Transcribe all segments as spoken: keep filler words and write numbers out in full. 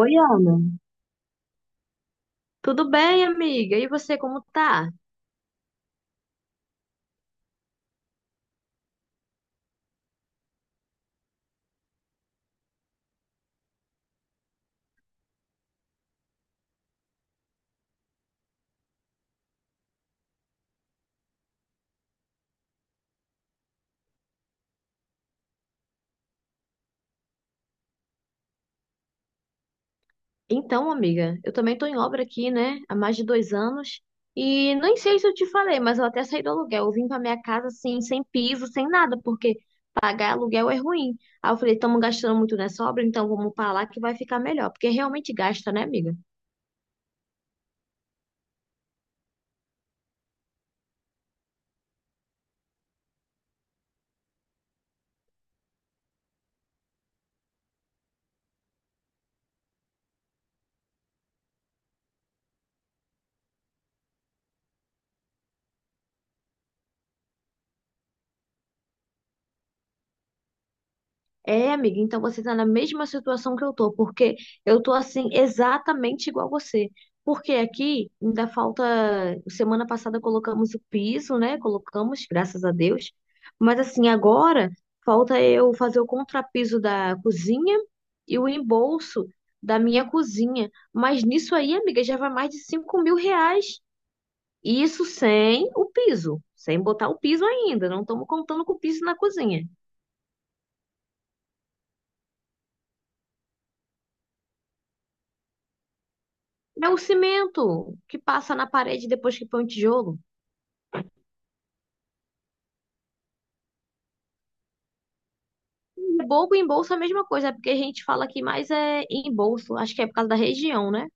Oi, Ana. Tudo bem, amiga? E você, como tá? Então, amiga, eu também tô em obra aqui, né? Há mais de dois anos. E nem sei se eu te falei, mas eu até saí do aluguel. Eu vim pra minha casa, assim, sem piso, sem nada, porque pagar aluguel é ruim. Aí eu falei, estamos gastando muito nessa obra, então vamos pra lá que vai ficar melhor. Porque realmente gasta, né, amiga? É, amiga, então você está na mesma situação que eu tô, porque eu tô assim exatamente igual você. Porque aqui ainda falta. Semana passada colocamos o piso, né? Colocamos, graças a Deus. Mas assim, agora falta eu fazer o contrapiso da cozinha e o embolso da minha cozinha. Mas nisso aí, amiga, já vai mais de cinco mil reais. E isso sem o piso, sem botar o piso ainda. Não estamos contando com o piso na cozinha. É o cimento que passa na parede depois que põe o tijolo. E bobo, em bolsa é a mesma coisa, é porque a gente fala que mais é em bolso, acho que é por causa da região, né?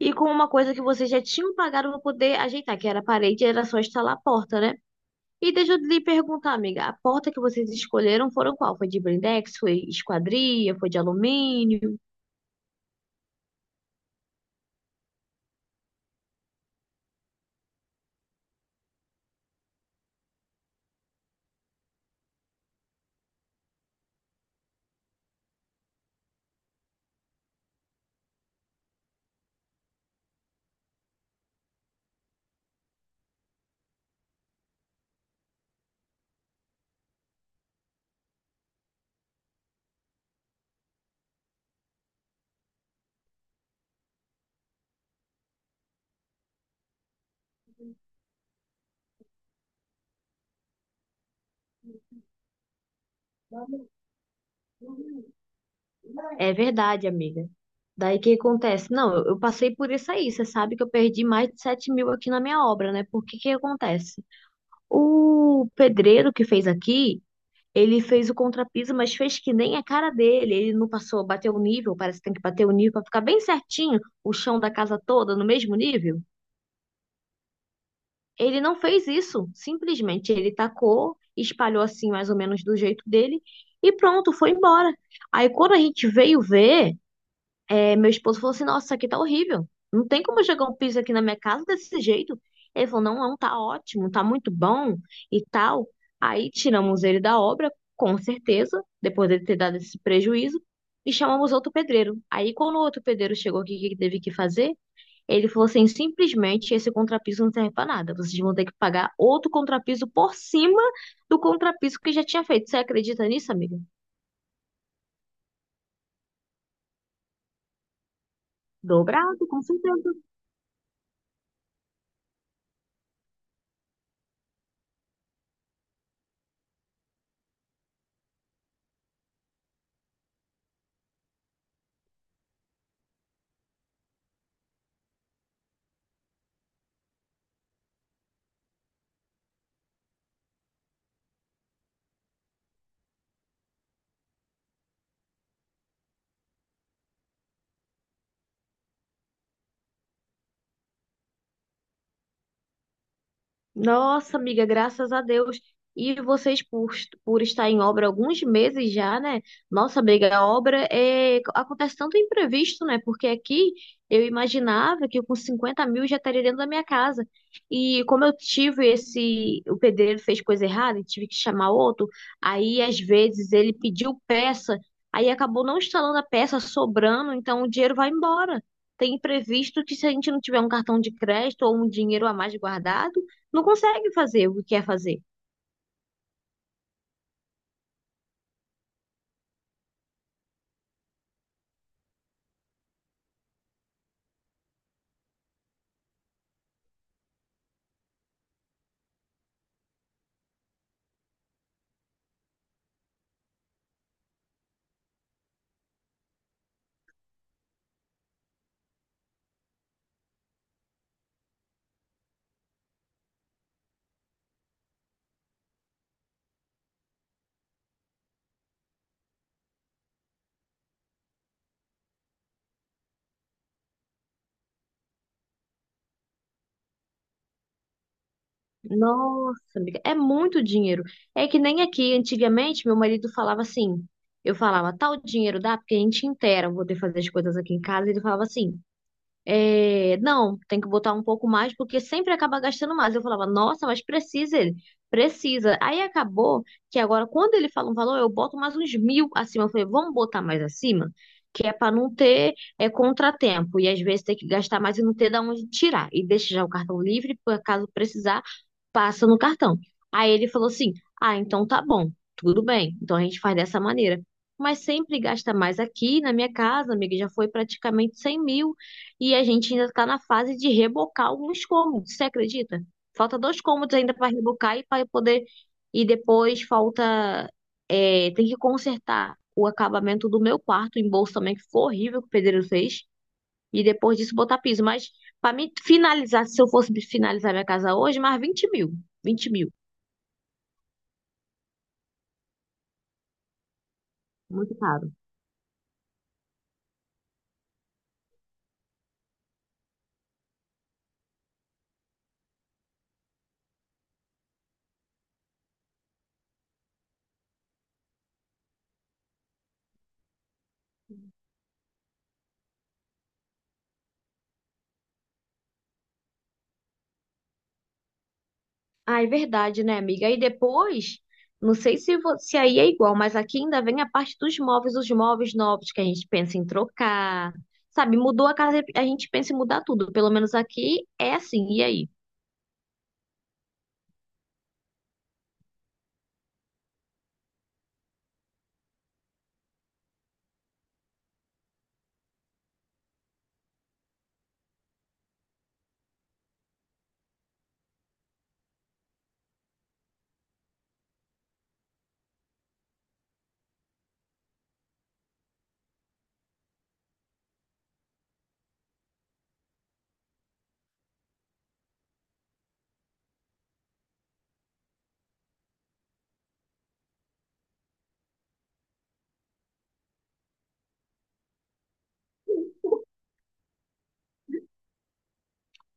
E com uma coisa que vocês já tinham pagado para poder ajeitar, que era a parede, era só instalar a porta, né? E deixa eu lhe perguntar, amiga, a porta que vocês escolheram foram qual? Foi de blindex, foi esquadria, foi de alumínio? É verdade, amiga. Daí o que acontece? Não, eu eu passei por isso aí. Você sabe que eu perdi mais de sete mil aqui na minha obra, né? Por que que acontece? O pedreiro que fez aqui, ele fez o contrapiso, mas fez que nem a cara dele. Ele não passou, bateu o nível, parece que tem que bater o nível para ficar bem certinho o chão da casa toda no mesmo nível. Ele não fez isso, simplesmente ele tacou, espalhou assim mais ou menos do jeito dele e pronto, foi embora. Aí quando a gente veio ver, é, meu esposo falou assim: "Nossa, isso aqui tá horrível. Não tem como jogar um piso aqui na minha casa desse jeito." Ele falou: "Não, não, tá ótimo, tá muito bom" e tal. Aí tiramos ele da obra, com certeza, depois dele ter dado esse prejuízo, e chamamos outro pedreiro. Aí, quando o outro pedreiro chegou aqui, o que que teve que fazer? Ele falou assim: "Simplesmente esse contrapiso não serve pra nada. Vocês vão ter que pagar outro contrapiso por cima do contrapiso que já tinha feito." Você acredita nisso, amiga? Dobrado, com certeza. Nossa, amiga, graças a Deus. E vocês, por, por estar em obra há alguns meses já, né? Nossa, amiga, a obra é... acontece tanto imprevisto, né? Porque aqui eu imaginava que eu com cinquenta mil já estaria dentro da minha casa. E como eu tive esse. O pedreiro fez coisa errada e tive que chamar outro, aí às vezes ele pediu peça, aí acabou não instalando a peça, sobrando, então o dinheiro vai embora. Tem imprevisto que se a gente não tiver um cartão de crédito ou um dinheiro a mais guardado. Não consegue fazer o que quer fazer. Nossa, amiga, é muito dinheiro. É que nem aqui, antigamente, meu marido falava assim. Eu falava, tal dinheiro dá, porque a gente inteira, vou ter que fazer as coisas aqui em casa. Ele falava assim, é, não, tem que botar um pouco mais, porque sempre acaba gastando mais. Eu falava, nossa, mas precisa ele, precisa. Aí acabou que agora, quando ele fala um valor, eu boto mais uns mil acima. Eu falei, vamos botar mais acima, que é para não ter, é, contratempo. E às vezes tem que gastar mais e não ter de onde tirar. E deixa já o cartão livre, por caso precisar, passa no cartão. Aí ele falou assim: "Ah, então tá bom, tudo bem. Então a gente faz dessa maneira." Mas sempre gasta mais aqui na minha casa, amiga, já foi praticamente cem mil. E a gente ainda está na fase de rebocar alguns cômodos, você acredita? Falta dois cômodos ainda para rebocar e para poder. E depois falta, é, tem que consertar o acabamento do meu quarto em bolso também, que foi horrível que o pedreiro fez. E depois disso botar piso. Mas para mim finalizar, se eu fosse finalizar minha casa hoje, mais vinte mil. Vinte mil. Muito caro. Ah, é verdade, né, amiga? Aí depois, não sei se, vo- se aí é igual, mas aqui ainda vem a parte dos móveis, os móveis novos que a gente pensa em trocar. Sabe, mudou a casa, a gente pensa em mudar tudo. Pelo menos aqui é assim, e aí?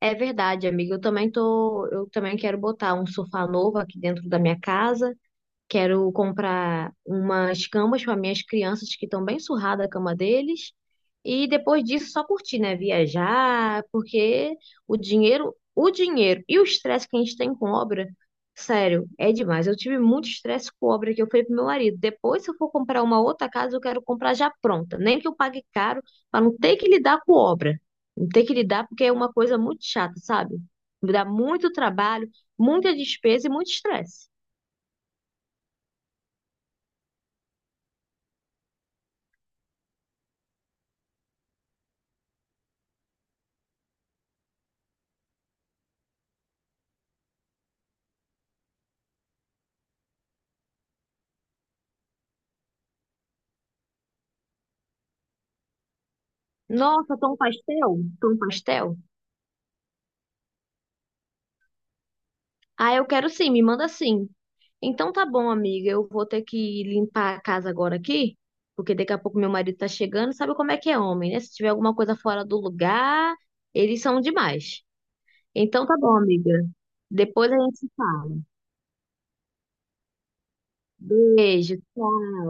É verdade, amiga. Eu também tô, eu também quero botar um sofá novo aqui dentro da minha casa. Quero comprar umas camas para minhas crianças que estão bem surradas a cama deles. E depois disso, só curtir, né? Viajar, porque o dinheiro, o dinheiro e o estresse que a gente tem com obra, sério, é demais. Eu tive muito estresse com obra que eu falei pro meu marido. Depois, se eu for comprar uma outra casa, eu quero comprar já pronta. Nem que eu pague caro, para não ter que lidar com obra. Não ter que lidar, porque é uma coisa muito chata, sabe? Me dá muito trabalho, muita despesa e muito estresse. Nossa, tom pastel? Tom pastel? Ah, eu quero sim, me manda sim. Então tá bom, amiga. Eu vou ter que limpar a casa agora aqui, porque daqui a pouco meu marido tá chegando. Sabe como é que é homem, né? Se tiver alguma coisa fora do lugar, eles são demais. Então tá bom, amiga. Depois a gente se fala. Beijo, tchau.